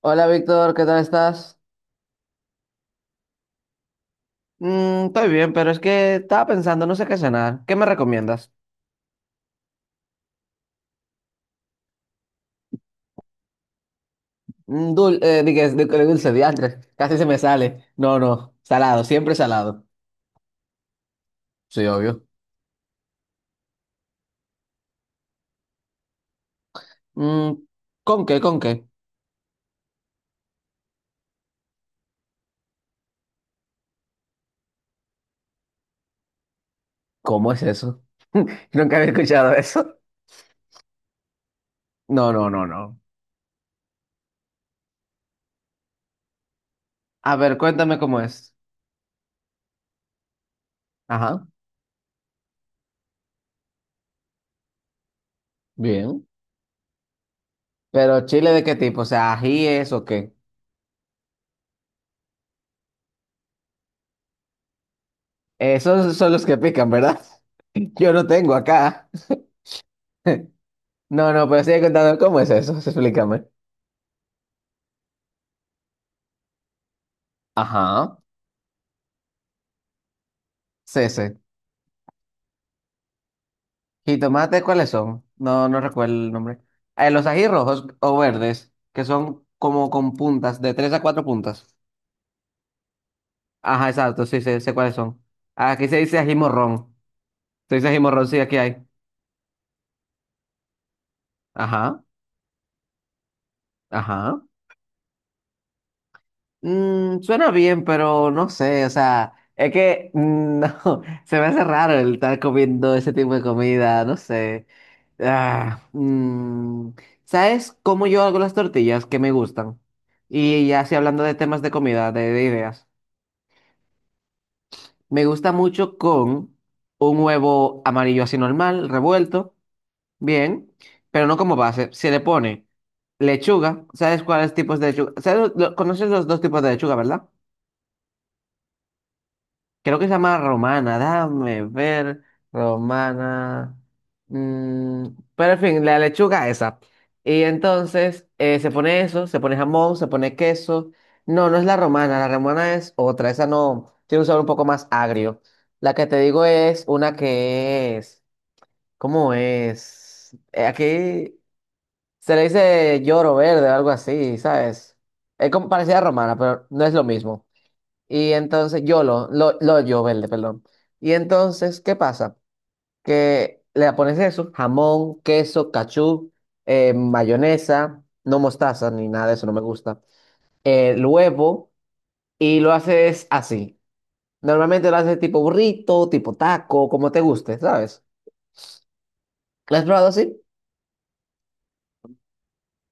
Hola Víctor, ¿qué tal estás? Estoy bien, pero es que estaba pensando, no sé qué cenar. ¿Qué me recomiendas? Dije, de dulce, diantre. Casi se me sale. No, no, salado, siempre salado. Sí, obvio. Mm, ¿con qué, con qué? ¿Cómo es eso? Nunca había escuchado eso. No, no, no, no. A ver, cuéntame cómo es. Ajá, bien. Pero chile de qué tipo, o sea, ajíes o qué. Esos son los que pican, ¿verdad? Yo no tengo acá. No, no, pero sigue contando cómo es eso, explícame. Ajá. Sí, sí. ¿Jitomate cuáles son? No, no recuerdo el nombre. Los ají rojos o verdes, que son como con puntas, de tres a cuatro puntas. Ajá, exacto, sí, sé, sé cuáles son. Aquí se dice ají morrón. Se dice ají morrón, sí, aquí hay. Ajá, ajá. Mm, suena bien, pero no sé, o sea, es que no, se me hace raro el estar comiendo ese tipo de comida, no sé. Ah, mm, ¿Sabes cómo yo hago las tortillas que me gustan? Y ya así hablando de temas de comida, de ideas, me gusta mucho con un huevo amarillo así normal, revuelto, bien, pero no como base, se le pone lechuga. ¿Sabes cuáles tipos de lechuga? ¿Conoces los dos tipos de lechuga, ¿verdad? Creo que se llama Romana, dame ver, Romana. mm, pero en fin, la lechuga esa. Y entonces se pone eso, se pone jamón, se pone queso. No, no es la romana es otra, esa no, tiene un sabor un poco más agrio. La que te digo es una que es, ¿cómo es? Aquí se le dice lloro verde o algo así, ¿sabes? Es como parecida a romana, pero no es lo mismo. Y entonces, YOLO, lo yo verde, perdón. Y entonces, ¿qué pasa? Que le pones eso, jamón, queso, cachú, mayonesa, no mostaza ni nada de eso, no me gusta. El huevo, y lo haces así. Normalmente lo haces tipo burrito, tipo taco, como te guste, ¿sabes? ¿Lo has probado así?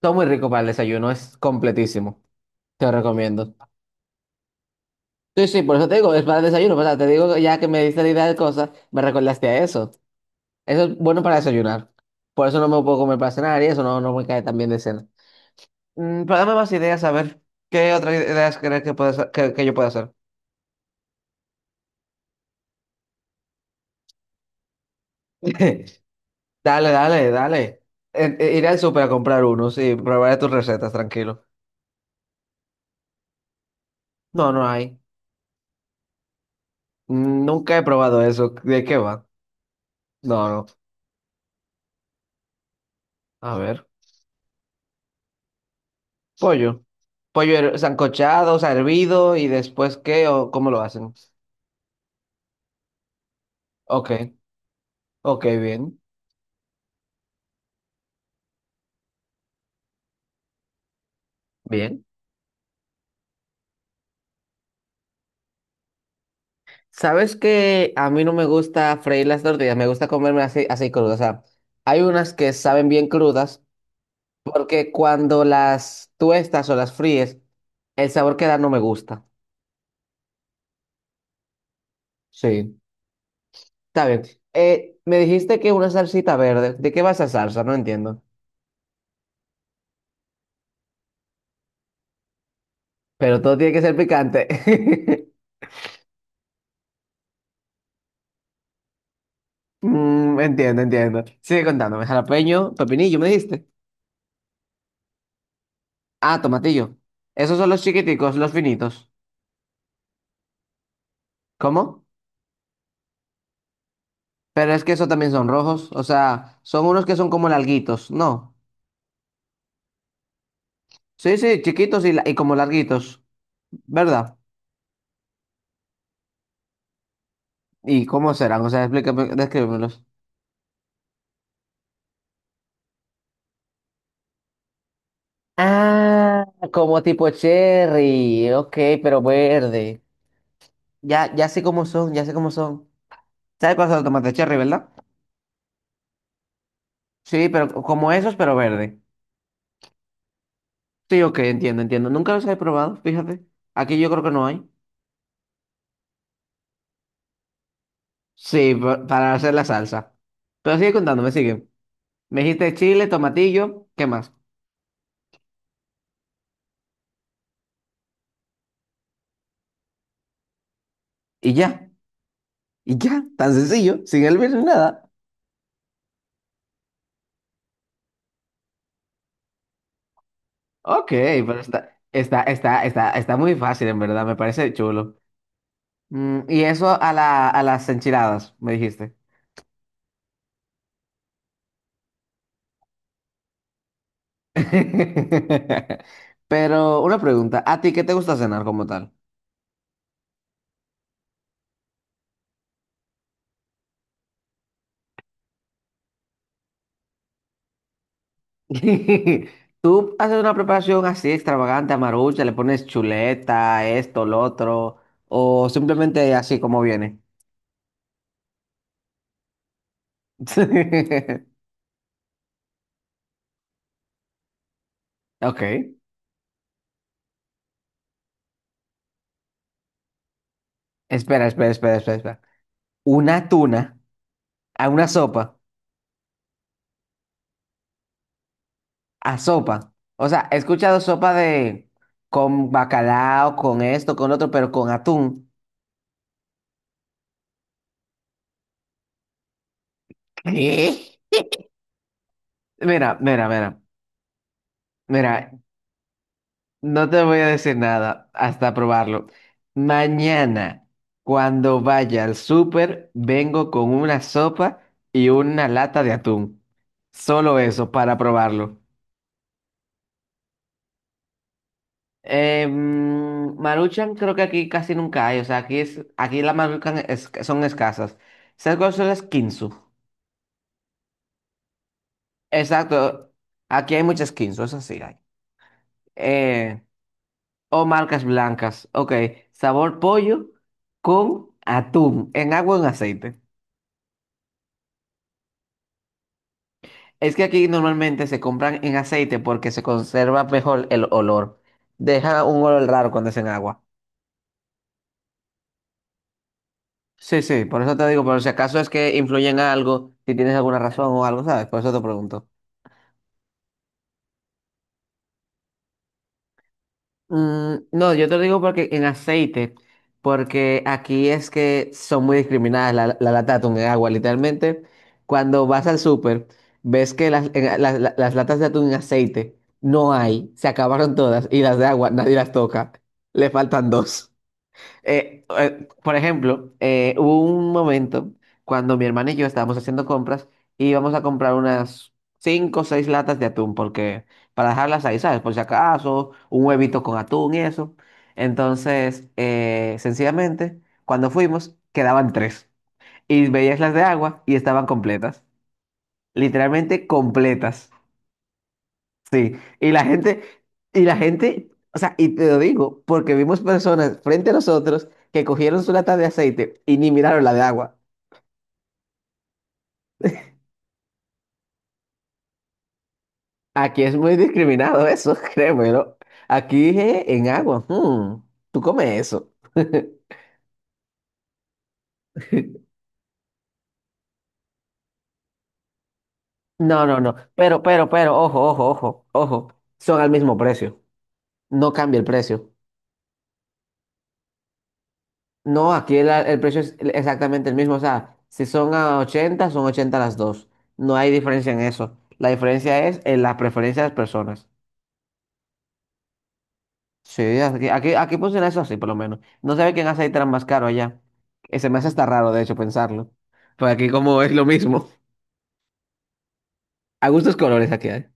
Son muy rico para el desayuno, es completísimo. Te lo recomiendo. Sí, sí, por eso te digo, es para el desayuno, o sea te digo, ya que me diste la idea de cosas, me recordaste a eso. Eso es bueno para desayunar. Por eso no me lo puedo comer para cenar y eso no, no me cae tan bien de cena. Mm, pero dame más ideas, a ver. ¿Qué otras ideas crees que, puedes, que yo pueda hacer? Dale, dale, dale. Iré al súper a comprar uno, sí. Probaré tus recetas, tranquilo. No, no hay. Nunca he probado eso. ¿De qué va? No, no. A ver. Pollo. Sancochado, o sea, hervido y después qué o cómo lo hacen. Ok, ok, bien. Bien. Sabes que a mí no me gusta freír las tortillas, me gusta comerme así, así crudas. O sea, hay unas que saben bien crudas porque cuando las tuestas o las fríes, el sabor que da no me gusta. Sí, está bien. Me dijiste que una salsita verde. ¿De qué va esa salsa? No entiendo. Pero todo tiene que ser picante. Mm, entiendo, entiendo. Sigue contándome. Jalapeño, pepinillo, me dijiste. Ah, tomatillo. Esos son los chiquiticos, los finitos. ¿Cómo? Pero es que esos también son rojos, o sea, son unos que son como larguitos, ¿no? Sí, sí, chiquitos y, y como larguitos, ¿verdad? ¿Y cómo serán? O sea, explícame, descríbemelos. Ah, como tipo cherry, ok, pero verde. Ya, ya sé cómo son, ya sé cómo son. ¿Sabes cuáles son los tomates cherry, verdad? Sí, pero como esos, pero verde. Sí, ok, entiendo, entiendo. Nunca los he probado, fíjate. Aquí yo creo que no hay. Sí, para hacer la salsa. Pero sigue contándome, sigue. Me dijiste chile, tomatillo, ¿qué más? Y ya, y ya, tan sencillo, sin el bien ni nada. Ok, pero está muy fácil, en verdad, me parece chulo. Mm, y eso a las enchiladas, me dijiste. Pero una pregunta, ¿a ti qué te gusta cenar como tal? ¿Tú haces una preparación así extravagante, amarucha, le pones chuleta, esto, lo otro, o simplemente así como viene? Ok, espera. Una tuna. A una sopa, a sopa. O sea, he escuchado sopa de con bacalao, con esto, con otro, pero con atún. ¿Qué? Mira, mira, mira, mira, no te voy a decir nada hasta probarlo. Mañana, cuando vaya al súper, vengo con una sopa y una lata de atún. Solo eso para probarlo. Maruchan creo que aquí casi nunca hay, o sea, aquí es, aquí las Maruchan son escasas. ¿Sabes cuáles son las Kinzu? Exacto, aquí hay muchas Kinzu, eso sí hay. Eh, o marcas blancas, ok, sabor pollo con atún, en agua o en aceite. Es que aquí normalmente se compran en aceite porque se conserva mejor el olor. Deja un olor raro cuando es en agua. Sí, sí, por eso te digo, pero si acaso es que influyen algo, si tienes alguna razón o algo, ¿sabes? Por eso te pregunto. Mm, no, yo te lo digo porque en aceite, porque aquí es que son muy discriminadas la lata de atún en agua. Literalmente, cuando vas al súper, ves que las latas de atún en aceite no hay, se acabaron todas y las de agua nadie las toca, le faltan dos. Por ejemplo, hubo un momento cuando mi hermana y yo estábamos haciendo compras y íbamos a comprar unas cinco o seis latas de atún, porque para dejarlas ahí, ¿sabes? Por si acaso, un huevito con atún y eso. Entonces, sencillamente, cuando fuimos, quedaban tres. Y veías las de agua y estaban completas. Literalmente completas. Sí, y la gente, o sea, y te lo digo, porque vimos personas frente a nosotros que cogieron su lata de aceite y ni miraron la de agua. Aquí es muy discriminado eso, créemelo. Aquí dije, en agua, mm, tú comes eso. No, no, no, pero, ojo, ojo, ojo, ojo, son al mismo precio, no cambia el precio. No, aquí el precio es exactamente el mismo. O sea, si son a 80 son 80 las dos. No hay diferencia en eso. La diferencia es en la preferencia de las personas. Sí, aquí funciona eso así, por lo menos. No sabe quién hace tan más caro allá. Se me hace hasta raro, de hecho, pensarlo. Pues aquí como es lo mismo. A gustos colores aquí hay.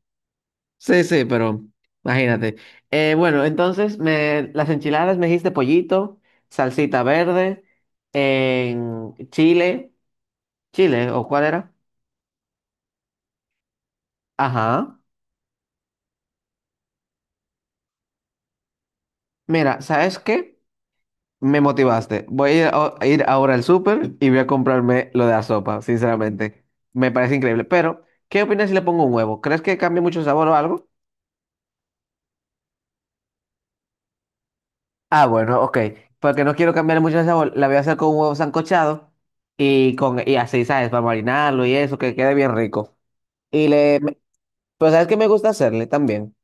Sí, sí, pero imagínate. Bueno, entonces me, las enchiladas me dijiste pollito, salsita verde, en chile, chile, ¿o cuál era? Ajá. Mira, ¿sabes qué? Me motivaste. Voy a ir, a ir ahora al súper y voy a comprarme lo de la sopa, sinceramente. Me parece increíble. Pero, ¿qué opinas si le pongo un huevo? ¿Crees que cambie mucho el sabor o algo? Ah, bueno, ok. Porque no quiero cambiar mucho el sabor. La voy a hacer con un huevo sancochado y, con, y así, ¿sabes? Para marinarlo y eso, que quede bien rico. Y le... me- Pero ¿sabes qué me gusta hacerle también?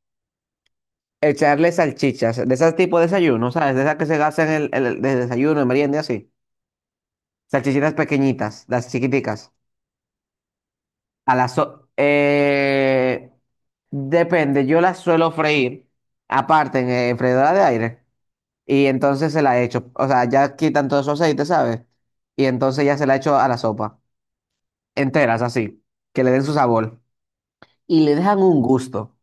Echarle salchichas, de ese tipo de desayuno, ¿sabes? De esas que se gastan en de desayuno, en merienda y así. Salchichitas pequeñitas, las chiquiticas. A las so- eh, Depende, yo las suelo freír aparte en, freidora de aire y entonces se la echo, o sea, ya quitan todo su aceite, ¿sabes? Y entonces ya se la echo a la sopa, enteras así, que le den su sabor y le dejan un gusto.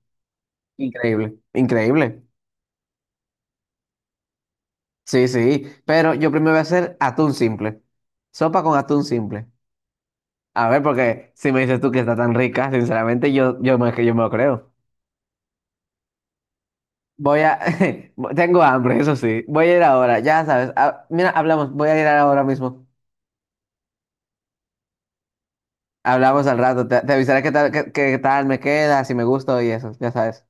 Increíble, increíble. Sí, sí, pero yo primero voy a hacer atún simple, sopa con atún simple. A ver, porque si me dices tú que está tan rica, sinceramente yo me lo creo. Voy a... Tengo hambre, eso sí. Voy a ir ahora, ya sabes. Ah, mira, hablamos. Voy a ir ahora mismo. Hablamos al rato. Te avisaré qué tal, qué, qué tal me queda, si me gusta y eso, ya sabes.